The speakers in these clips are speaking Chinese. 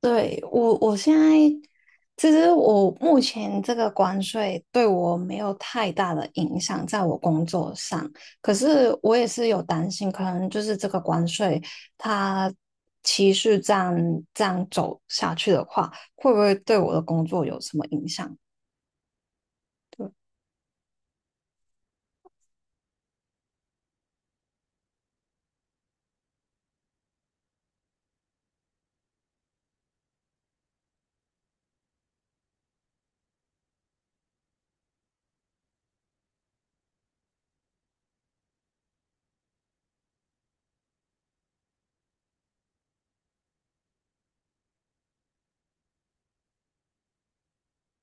对，我现在其实,我目前这个关税对我没有太大的影响，在我工作上。可是我也是有担心，可能就是这个关税它持续这样走下去的话，会不会对我的工作有什么影响？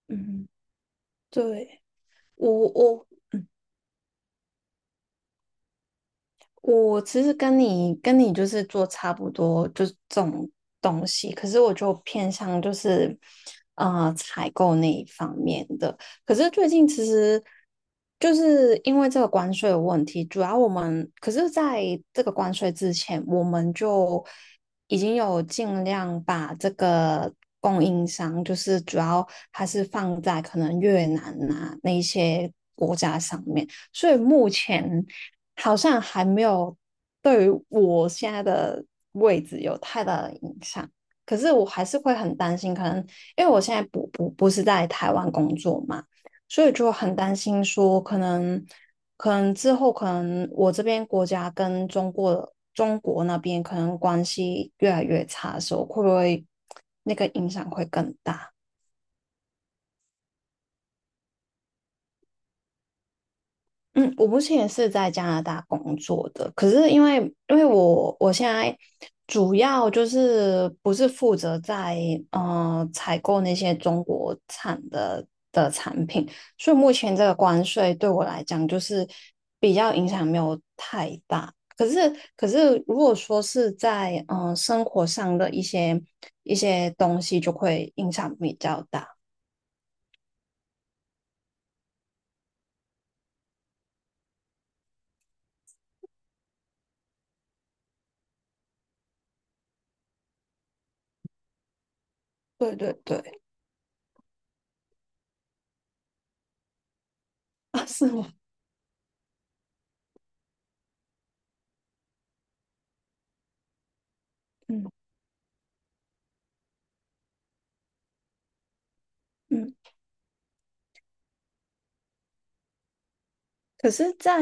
嗯，对，我我我其实跟你就是做差不多，就是这种东西，可是我就偏向就是采购那一方面的。可是最近其实就是因为这个关税的问题，主要我们可是在这个关税之前，我们就已经有尽量把这个供应商，就是主要还是放在可能越南啊那一些国家上面，所以目前好像还没有对于我现在的位置有太大的影响。可是我还是会很担心，可能因为我现在不是在台湾工作嘛，所以就很担心说，可能之后可能我这边国家跟中国那边可能关系越来越差的时候，会不会那个影响会更大？嗯，我目前也是在加拿大工作的，可是因为因为我现在主要就是不是负责在采购那些中国产的，所以目前这个关税对我来讲就是比较影响没有太大。可是如果说是在生活上的一些一些东西，就会影响比较大。对对对。啊，是吗？嗯嗯。可是在，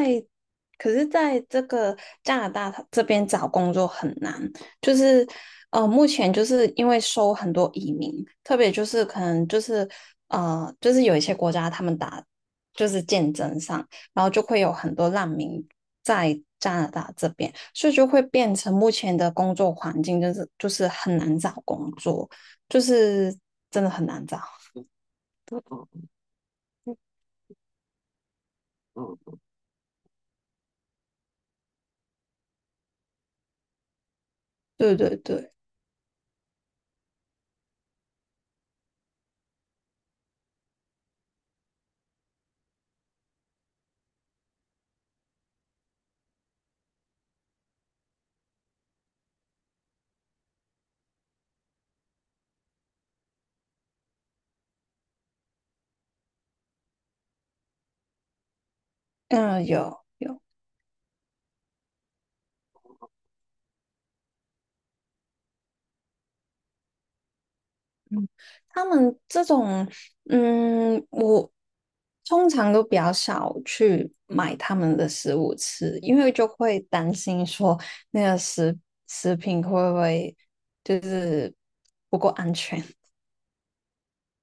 可是在这个加拿大它这边找工作很难，就是目前就是因为收很多移民，特别就是可能就是就是有一些国家他们就是竞争上，然后就会有很多难民在加拿大这边，所以就会变成目前的工作环境就是很难找工作，就是真的很难找。对对对，嗯，有有。嗯，他们这种，嗯，我通常都比较少去买他们的食物吃，因为就会担心说那个食食品会不会就是不够安全。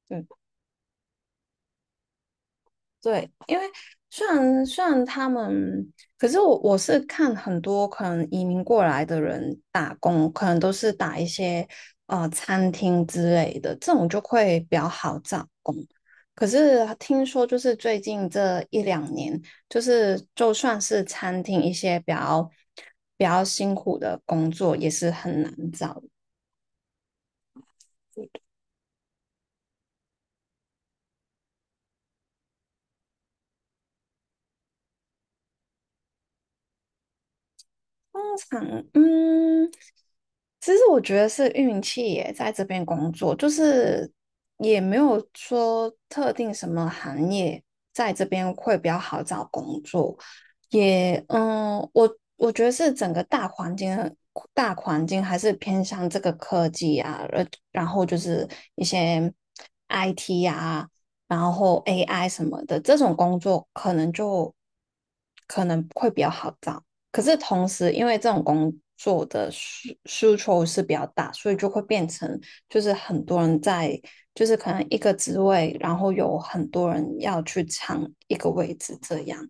嗯，对，虽然他们，可是我是看很多可能移民过来的人打工，可能都是打一些餐厅之类的，这种就会比较好找。可是听说，就是最近这一两年，就是就算是餐厅一些比较辛苦的工作，也是很难找。常，嗯，其实我觉得是运气耶，在这边工作，就是也没有说特定什么行业在这边会比较好找工作，也，嗯，我觉得是整个大环境还是偏向这个科技啊，然后就是一些 IT 啊。然后 AI 什么的这种工作，可能会比较好找。可是同时，因为这种工作的需求是比较大，所以就会变成就是很多人在，就是可能一个职位，然后有很多人要去抢一个位置，这样。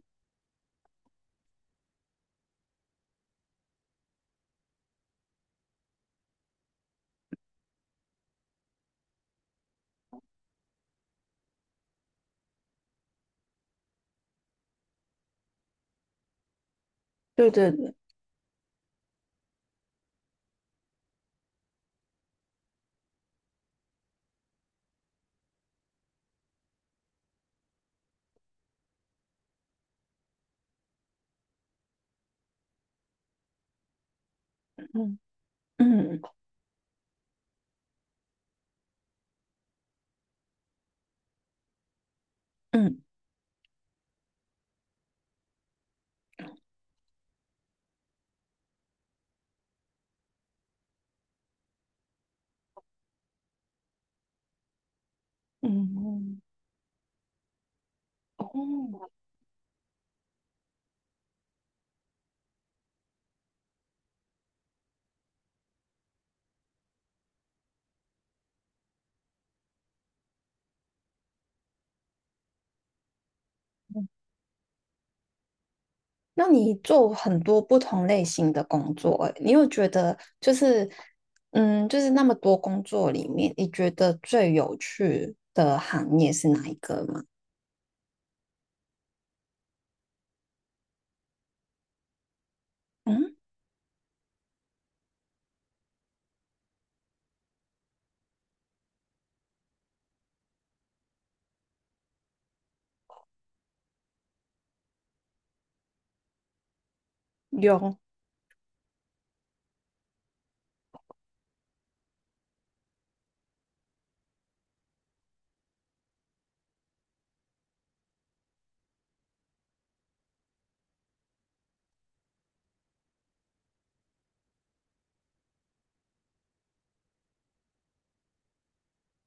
对对对，嗯嗯嗯嗯。哦，那你做很多不同类型的工作，欸你有觉得就是嗯，就是那么多工作里面，你觉得最有趣的行业是哪一个吗？嗯，有，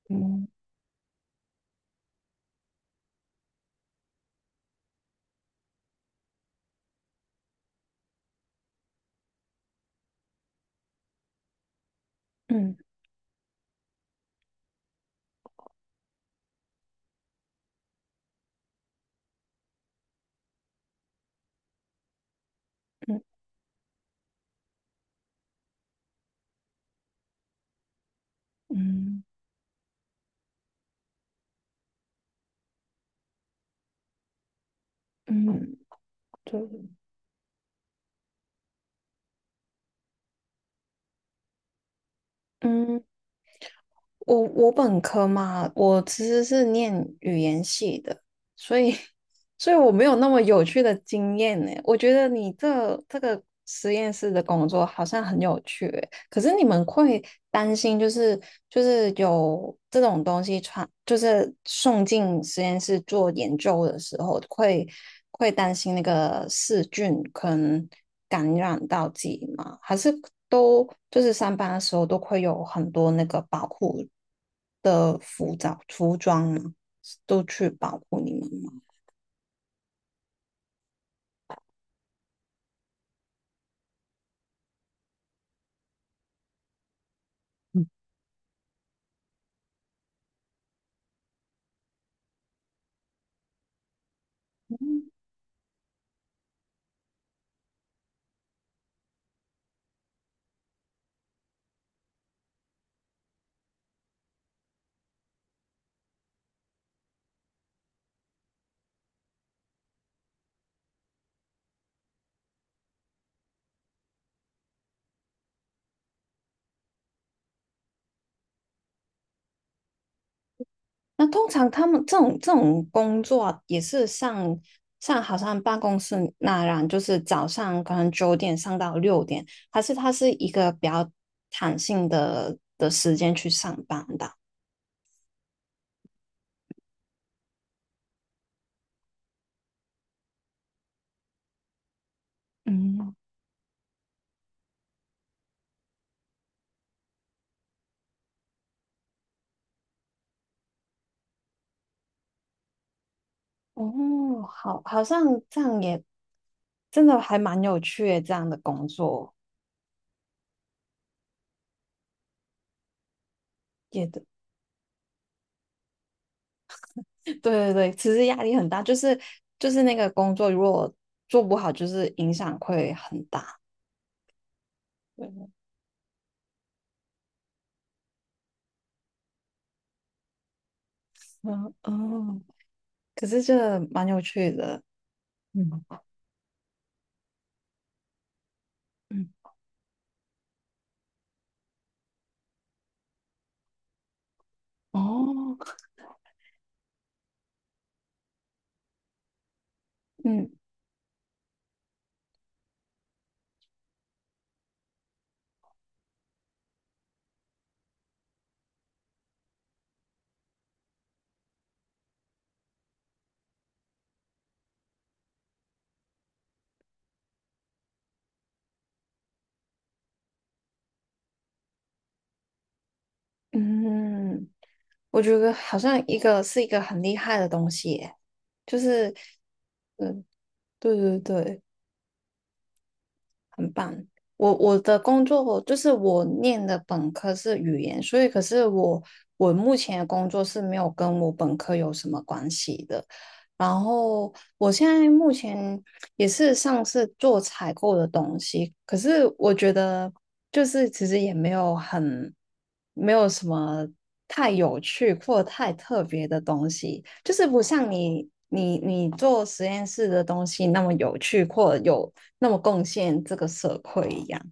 嗯。嗯嗯嗯嗯，对，嗯，我本科嘛，我其实是念语言系的，所以 所以我没有那么有趣的经验呢。我觉得你这个实验室的工作好像很有趣欸，可是你们会担心，就是有这种东西传，就是送进实验室做研究的时候，会会担心那个细菌可能感染到自己吗？还是都就是上班的时候都会有很多那个保护的服装吗？都去保护你们吗？嗯，那通常他们这种工作也是上好像办公室那样，就是早上可能九点上到六点，还是他是一个比较弹性的时间去上班的？嗯，哦，好，好像这样也真的还蛮有趣的，这样的工作也对。 对对对，其实压力很大，就是就是那个工作如果做不好，就是影响会很大。对，嗯嗯。可是这蛮有趣的，嗯嗯哦，嗯嗯，我觉得好像一个是一个很厉害的东西耶就是，嗯，对对对，很棒。我我的工作就是我念的本科是语言，所以可是我目前的工作是没有跟我本科有什么关系的。然后我现在目前也是上次做采购的东西，可是我觉得就是其实也没有什么太有趣或太特别的东西，就是不像你做实验室的东西那么有趣或有那么贡献这个社会一样。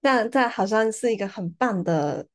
那这好像是一个很棒的